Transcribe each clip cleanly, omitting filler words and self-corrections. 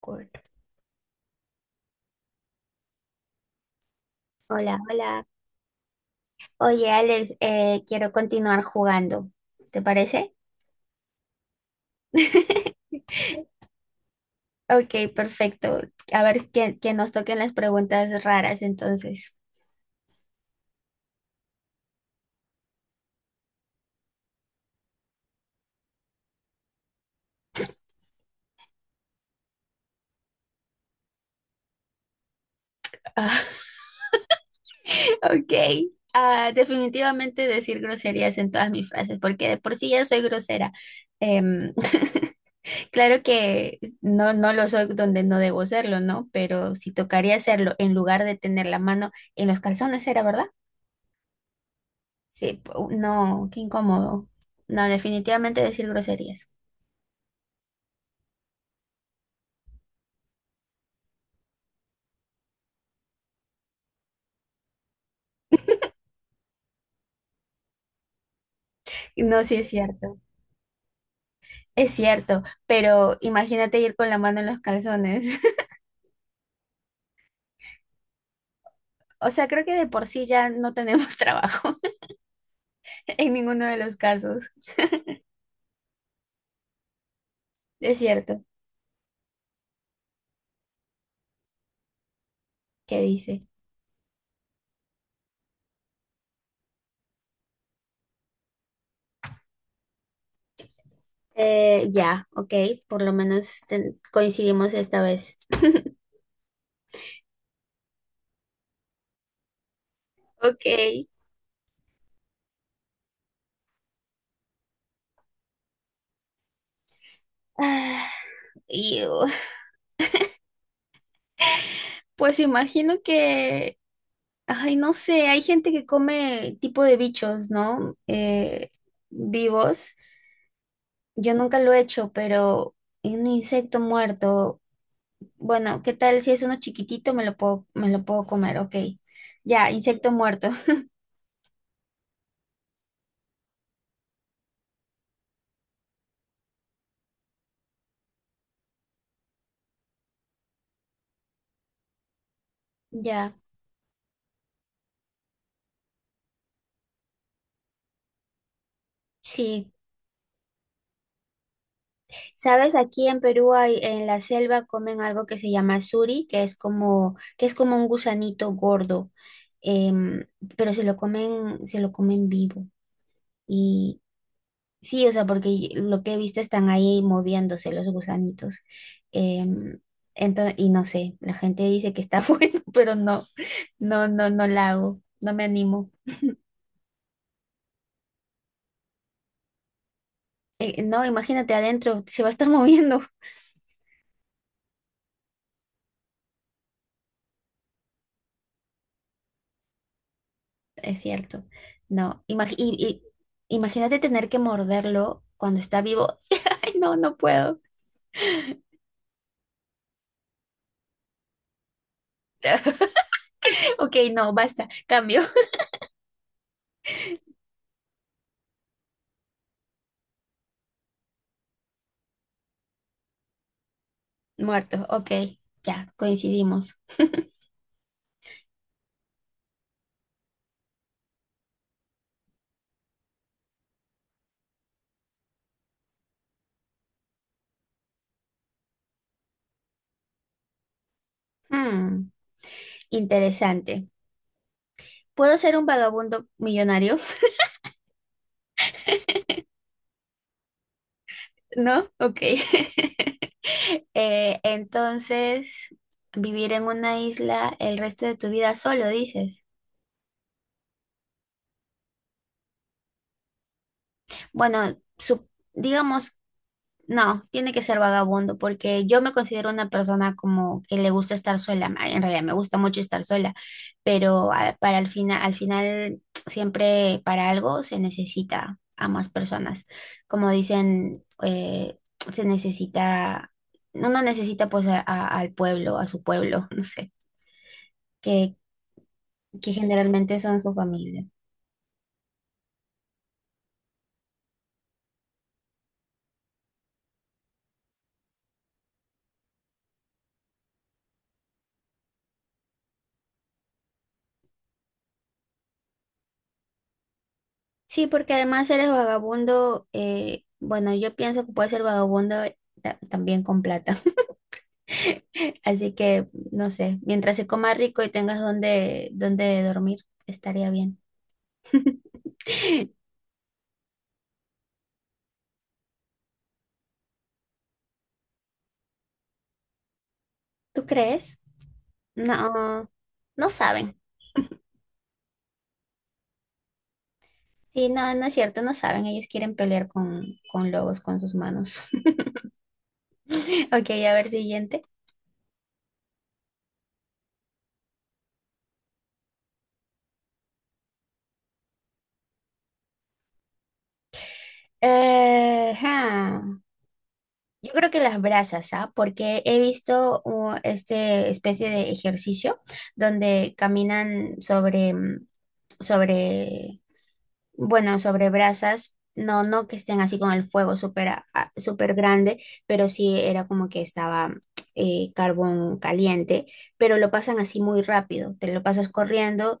Cool. Hola, hola. Oye, Alex, quiero continuar jugando. ¿Te parece? Ok, perfecto. A ver, que nos toquen las preguntas raras entonces. Ok. Ah, definitivamente decir groserías en todas mis frases, porque de por sí ya soy grosera. Em, claro que no, no lo soy donde no debo serlo, ¿no? Pero si tocaría hacerlo en lugar de tener la mano en los calzones, ¿era verdad? Sí, no, qué incómodo. No, definitivamente decir groserías. No, sí es cierto. Es cierto, pero imagínate ir con la mano en los calzones. O sea, creo que de por sí ya no tenemos trabajo en ninguno de los casos. Es cierto. ¿Qué dice? Ya, ok, por lo menos coincidimos esta vez. Ok. Ah, y, uh, pues imagino que, ay, no sé, hay gente que come tipo de bichos, ¿no? Vivos. Yo nunca lo he hecho, pero un insecto muerto, bueno, ¿qué tal si es uno chiquitito? Me lo puedo comer, ok. Ya, insecto muerto. Ya, sí. Sabes, aquí en Perú hay, en la selva comen algo que se llama suri, que es como un gusanito gordo, em, pero se lo comen vivo. Sí, o sea, porque lo que he visto están ahí moviéndose los gusanitos. Em, y no sé, la gente dice que está bueno, pero no, no la hago, no me animo. No, imagínate adentro, se va a estar moviendo. Es cierto. No, imagínate tener que morderlo cuando está vivo. Ay, no, no puedo. Ok, no, basta, cambio. Muerto, ok, ya, coincidimos. Hmm, interesante. ¿Puedo ser un vagabundo millonario? ¿No? Ok. Entonces, vivir en una isla el resto de tu vida solo, dices. Bueno, digamos, no, tiene que ser vagabundo, porque yo me considero una persona como que le gusta estar sola. En realidad me gusta mucho estar sola, pero para al final siempre para algo se necesita a más personas. Como dicen, se necesita, uno necesita pues al pueblo, a su pueblo, no sé. que, que generalmente son su familia. Sí, porque además eres vagabundo, bueno, yo pienso que puedes ser vagabundo también con plata. Así que, no sé, mientras se coma rico y tengas donde dormir, estaría bien. ¿Tú crees? No, no saben. Sí, no, no es cierto, no saben. Ellos quieren pelear con lobos con sus manos. Ok, a ver, siguiente. Ja. Yo creo que las brasas, ¿ah? Porque he visto este especie de ejercicio donde caminan sobre, sobre, bueno, sobre brasas. No, no que estén así con el fuego súper súper grande, pero sí era como que estaba carbón caliente, pero lo pasan así muy rápido. Te lo pasas corriendo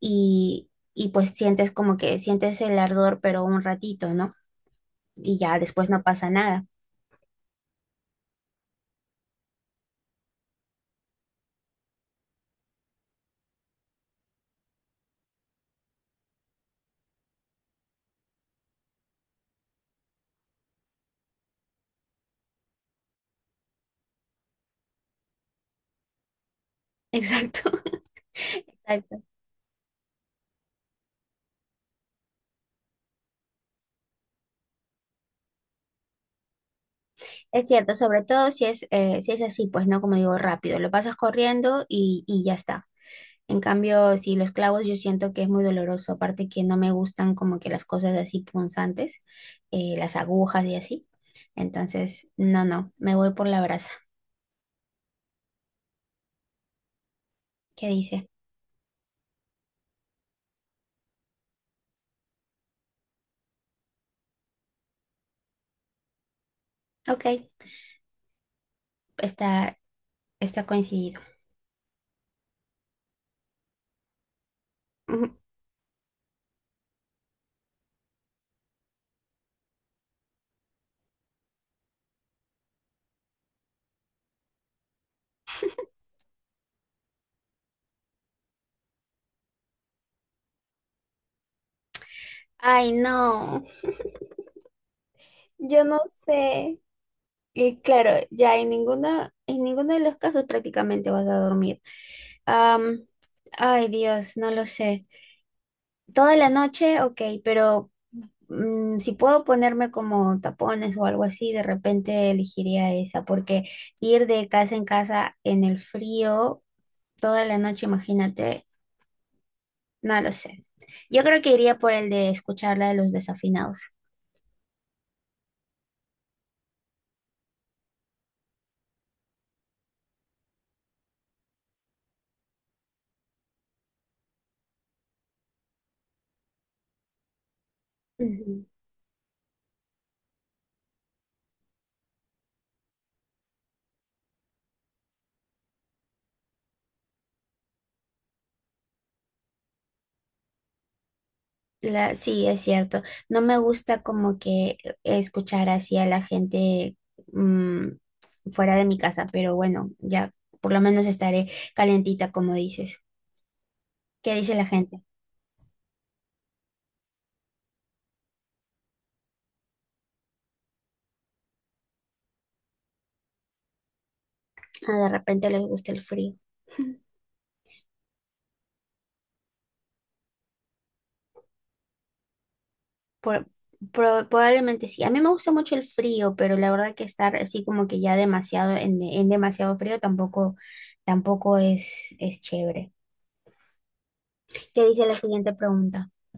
y pues sientes como que sientes el ardor, pero un ratito, ¿no? Y ya después no pasa nada. Exacto. Exacto. Es cierto, sobre todo si es, si es así, pues no, como digo, rápido, lo pasas corriendo y ya está. En cambio, si los clavos yo siento que es muy doloroso, aparte que no me gustan como que las cosas así punzantes, las agujas y así. Entonces, no, me voy por la brasa. ¿Qué dice? Ok, está, está coincidido. Ay, no, yo no sé. Y claro, ya en ninguna, en ninguno de los casos prácticamente vas a dormir. Am, Ay, Dios, no lo sé. Toda la noche, ok, pero mm, si puedo ponerme como tapones o algo así, de repente elegiría esa, porque ir de casa en casa en el frío toda la noche, imagínate, no lo sé. Yo creo que iría por el de escuchar la de los desafinados. Ujú. La, sí, es cierto. No me gusta como que escuchar así a la gente mm, fuera de mi casa, pero bueno, ya por lo menos estaré calentita, como dices. ¿Qué dice la gente? Ah, de repente les gusta el frío. Por- Probablemente sí. A mí me gusta mucho el frío, pero la verdad que estar así como que ya demasiado en demasiado frío tampoco, tampoco es, es chévere. ¿Qué dice la siguiente pregunta?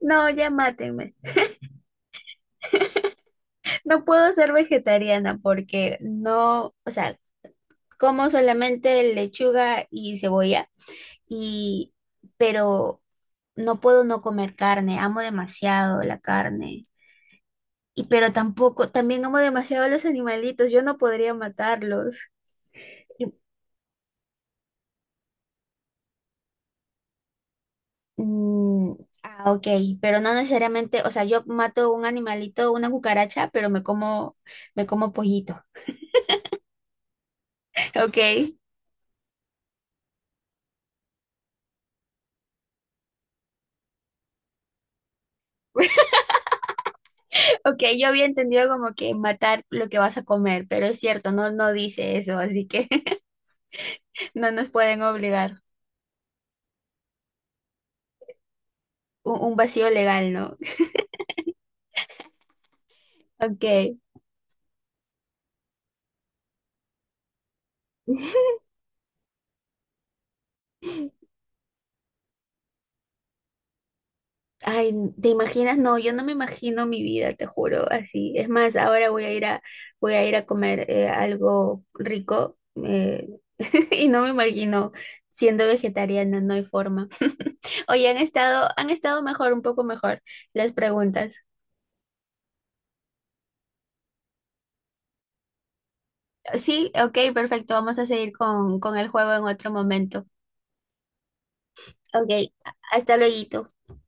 No, ya mátenme. No puedo ser vegetariana porque no, o sea, como solamente lechuga y cebolla y, pero no puedo no comer carne, amo demasiado la carne. Y pero tampoco, también amo demasiado a los animalitos, yo no podría matarlos. Y, mm, ok, pero no necesariamente, o sea, yo mato un animalito, una cucaracha, pero me como pollito. Ok. Ok, yo había entendido como que matar lo que vas a comer, pero es cierto, no, no dice eso, así que no nos pueden obligar. Un vacío legal, ¿no? Ok. Ay, ¿te imaginas? No, yo no me imagino mi vida, te juro, así. Es más, ahora voy a ir a, voy a ir a comer algo rico eh, y no me imagino siendo vegetariana, no hay forma. Oye, han estado mejor, un poco mejor las preguntas. Sí, ok, perfecto. Vamos a seguir con el juego en otro momento. Ok, hasta luego.